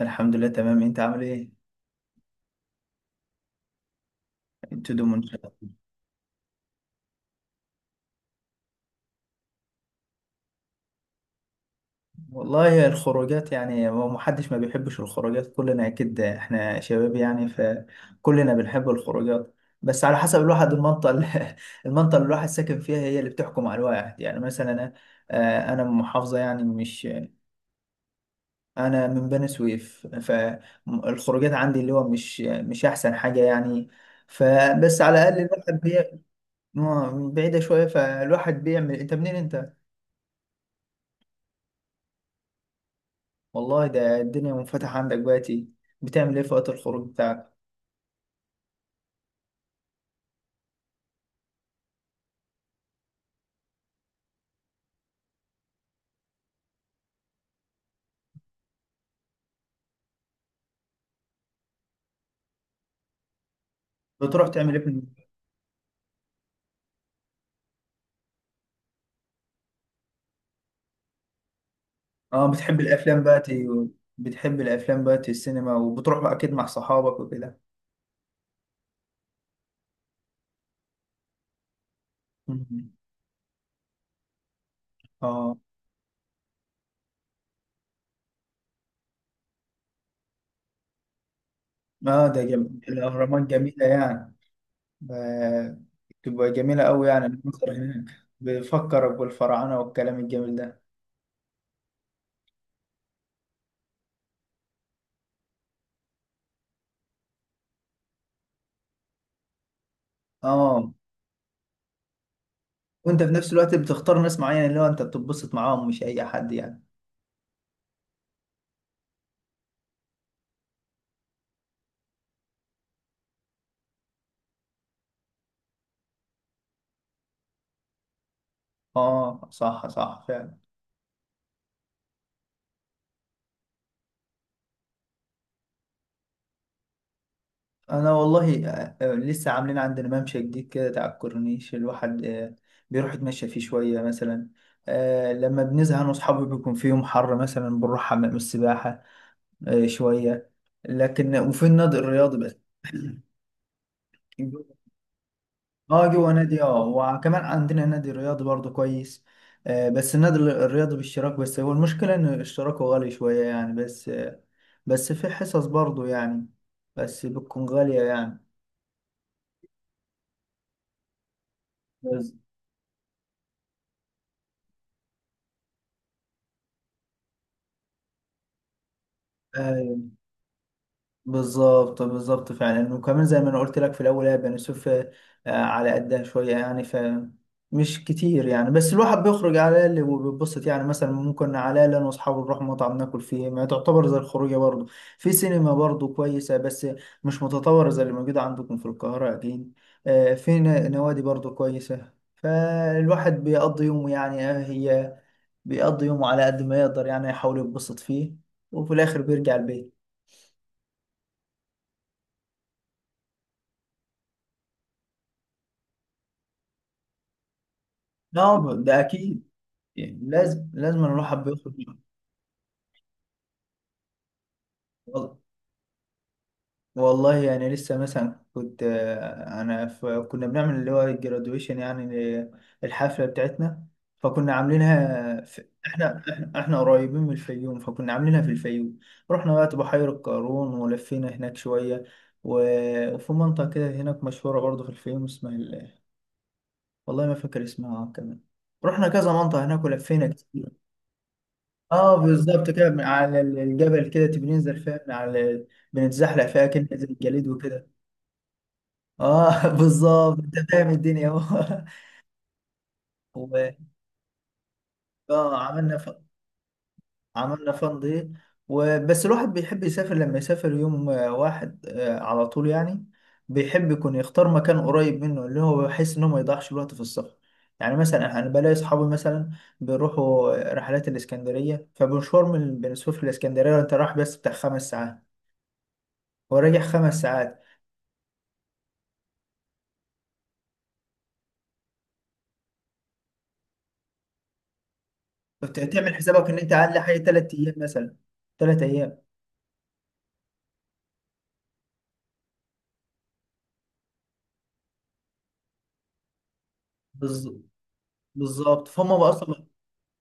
الحمد لله تمام، انت عامل ايه؟ ابتدوا من. والله الخروجات يعني هو محدش ما بيحبش الخروجات، كلنا اكيد احنا شباب يعني فكلنا بنحب الخروجات. بس على حسب الواحد المنطقة اللي المنطقة اللي الواحد ساكن فيها هي اللي بتحكم على الواحد، يعني مثلا انا انا من محافظة، يعني مش انا من بني سويف، فالخروجات عندي اللي هو مش احسن حاجة يعني. فبس على الاقل الواحد. بعيدة شوية، فالواحد بيعمل. انت منين انت؟ والله، ده الدنيا منفتحة عندك بقى، تي. بتعمل ايه في وقت الخروج بتاعك؟ بتروح تعمل ايه في الم-؟ اه، بتحب الافلام بقى تي؟ بتحب الافلام بقى تي، السينما، وبتروح بقى اكيد مع صحابك وكده؟ مم. اه، اه، ده جميل. الاهرامات جميلة يعني. آه. تبقى جميلة قوي، يعني المنظر هناك بيفكرك بالفراعنة والكلام الجميل ده. اه، وانت في نفس الوقت بتختار ناس معينة اللي هو انت بتتبسط معاهم، مش اي حد يعني. اه، صح صح فعلا. انا والله لسه عاملين عندنا ممشى جديد كده تاع الكورنيش الواحد. بيروح يتمشى فيه شويه مثلا. لما بنزهق انا واصحابي بيكون في يوم حر مثلا بنروح حمام السباحه شويه، لكن وفي النادي الرياضي بس. اه، جوه نادي، اه وكمان عندنا نادي رياضي برضه كويس. بس النادي الرياضي باشتراك، بس هو المشكله ان اشتراكه غالي شويه يعني بس. بس في حصص برضه يعني، بس بتكون غاليه يعني. بس- آه، بالظبط بالظبط فعلا، وكمان زي ما انا قلت لك في الاول، هي بني سويف، على قدها شويه يعني ف مش كتير يعني، بس الواحد بيخرج على اللي وبيتبسط، يعني مثلا ممكن على اللي انا واصحابي نروح مطعم ناكل فيه، ما تعتبر زي الخروجه برضه. في سينما برضه كويسه، بس مش متطوره زي اللي موجوده عندكم في القاهره اكيد. في نوادي برضه كويسه، فالواحد بيقضي يومه يعني، هي بيقضي يومه على قد ما يقدر، يعني يحاول يتبسط فيه، وفي الاخر بيرجع البيت. نعم، ده اكيد يعني، لازم لازم نروح حب يخرج. وال- والله يعني لسه مثلا كنت انا في كنا بنعمل اللي هو الجرادويشن يعني. ل- الحفله بتاعتنا، فكنا عاملينها في احنا احنا إحنا قريبين من الفيوم، فكنا عاملينها في الفيوم. رحنا بقى بحيره قارون، ولفينا هناك شويه، و- وفي منطقه كده هناك مشهوره برضه في الفيوم اسمها ال-، والله ما فاكر اسمها كمان. رحنا كذا منطقه هناك ولفينا كتير. اه، بالظبط كده، من على الجبل كده تبي ننزل فيها من على ال-، بنتزحلق فيها كده زي الجليد وكده. اه بالظبط، انت فاهم الدنيا اهو. و- اه عملنا ف... عملنا فن دي. وبس الواحد بيحب يسافر، لما يسافر يوم واحد على طول يعني. بيحب يكون يختار مكان قريب منه، اللي هو بحيث انه ما يضيعش الوقت في السفر. يعني مثلا انا بلاقي اصحابي مثلا بيروحوا رحلات الاسكندريه، فمشوار من بين سويف للاسكندريه انت رايح بس بتاع 5 ساعات، هو راجع 5 ساعات. تعمل حسابك ان انت اقل حاجه 3 ايام مثلا، 3 ايام. بالظ- بالظبط، فهم بقى اصلا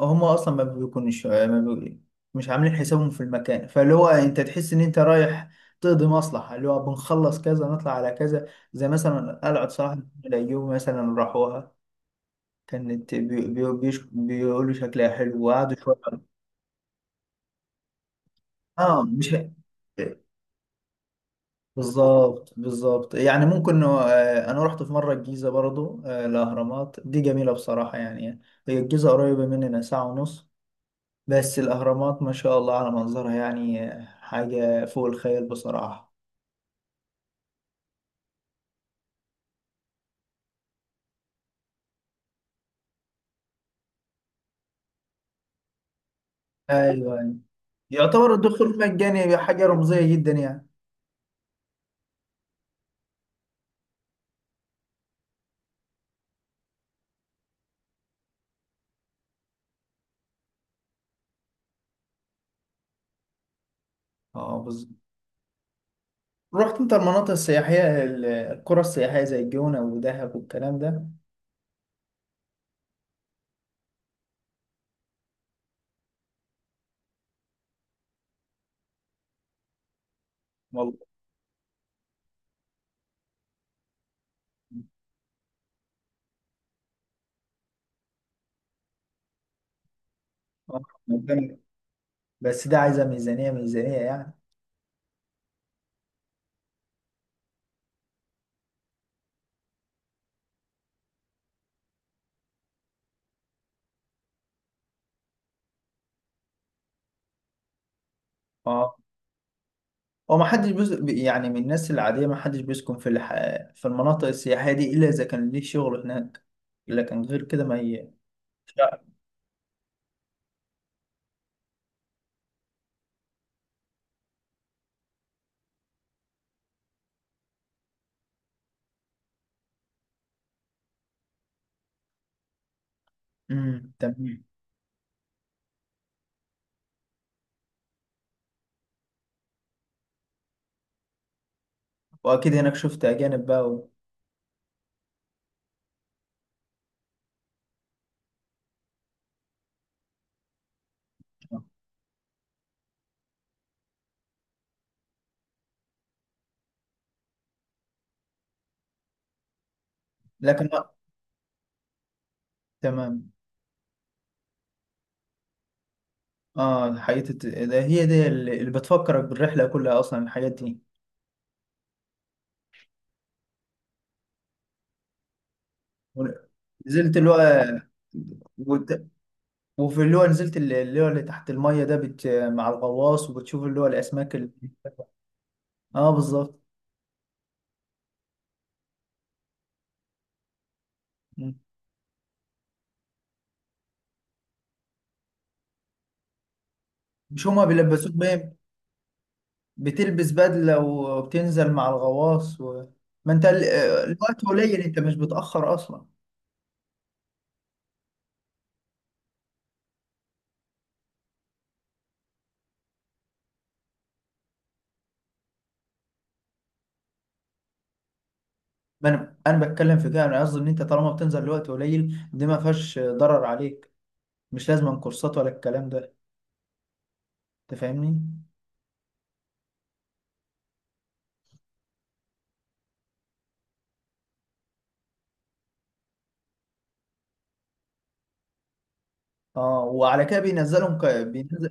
هم اصلا ما بيكونش ما بي... مش عاملين حسابهم في المكان، فاللي هو انت تحس ان انت رايح تقضي مصلحه، اللي هو بنخلص كذا نطلع على كذا، زي مثلا قلعه صلاح الدين الايوبي مثلا راحوها، كانت بيقولوا شكلها حلو وقعدوا شويه. اه، مش، بالظبط بالظبط يعني، ممكن انا رحت في مره الجيزه برضو، الاهرامات دي جميله بصراحه يعني. هي الجيزه قريبه مننا ساعه ونص، بس الاهرامات ما شاء الله على منظرها، يعني، حاجه فوق الخيال بصراحه. ايوه، أيوة. يعتبر الدخول مجاني، حاجه رمزيه جدا يعني. اه، بالظبط. رحت انت المناطق السياحيه القرى السياحيه زي الجونه ودهب والكلام ده؟ والله آه، بس ده عايزه ميزانيه ميزانيه يعني. اه، هو ما حدش بيس... يعني من الناس العادية ما حدش بيسكن في في المناطق السياحية دي إلا إذا كان ليه شغل هناك. لكن غير كده ما ي... لا، تمام. وأكيد هناك شفت أجانب بقى. لكن لا، تمام. اه، ده هي دي اللي بتفكرك بالرحلة كلها أصلا، الحاجات دي. نزلت اللي هو وت- وفي اللي هو نزلت اللي هو اللي تحت المية مع الغواص، وبتشوف اللي هو الأسماك. اه، بالظبط. مم. مش هما بيلبسوك بقى؟ بتلبس بدلة وبتنزل مع الغواص. ما انت الوقت قليل، انت مش بتأخر اصلا. ما انا بتكلم في كده، انا قصدي ان انت طالما بتنزل الوقت قليل، دي ما فيهاش ضرر عليك. مش لازم كورسات ولا الكلام ده، انت فاهمني. اه، وعلى كده بينزلهم ك... بينزل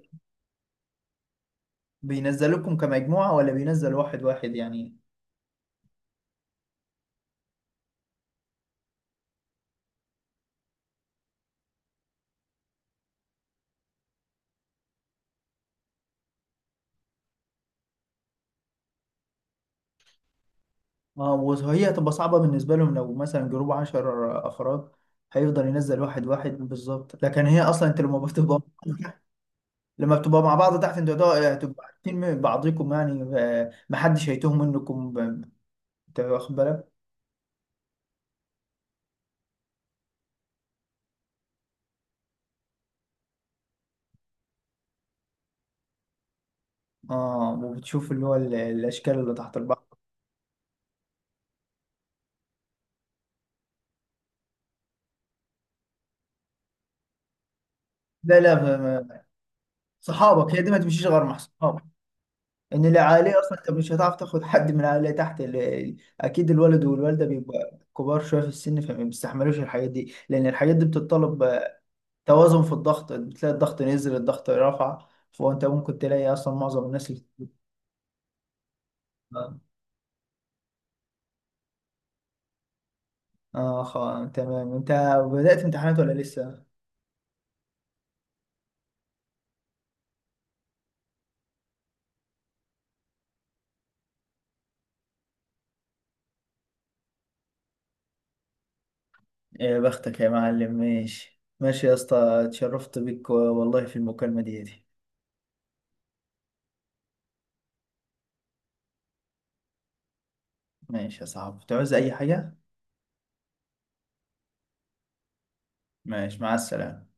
بينزلوكم كمجموعة ولا بينزل واحد واحد يعني؟ اه، وهي هتبقى صعبة بالنسبة لهم لو مثلا جروب 10 افراد، هيفضل ينزل واحد واحد بالظبط. لكن هي اصلا انت لما بتبقى لما بتبقى مع بعض تحت انتوا هتبقوا عارفين من بعضكم يعني، محدش هيتوه منكم. انت واخد بالك. اه، وبتشوف اللي هو الاشكال اللي تحت البحر. لا، لا، صحابك، هي دي ما تمشيش غير مع صحابك. ان العائليه اصلا انت مش هتعرف تاخد حد من العائليه تحت اكيد الولد والوالده بيبقى كبار شويه في السن، فما بيستحملوش الحاجات دي، لان الحاجات دي بتتطلب، توازن في الضغط، بتلاقي الضغط نزل الضغط رفع، فانت ممكن تلاقي اصلا معظم الناس اللي اه، تمام، انت بدأت امتحانات ولا لسه؟ يا بختك يا معلم، ماشي ماشي يا اسطى. اتشرفت بك والله في المكالمة دي. ماشي يا صاحبي، تعوز أي حاجة؟ ماشي، مع السلامة.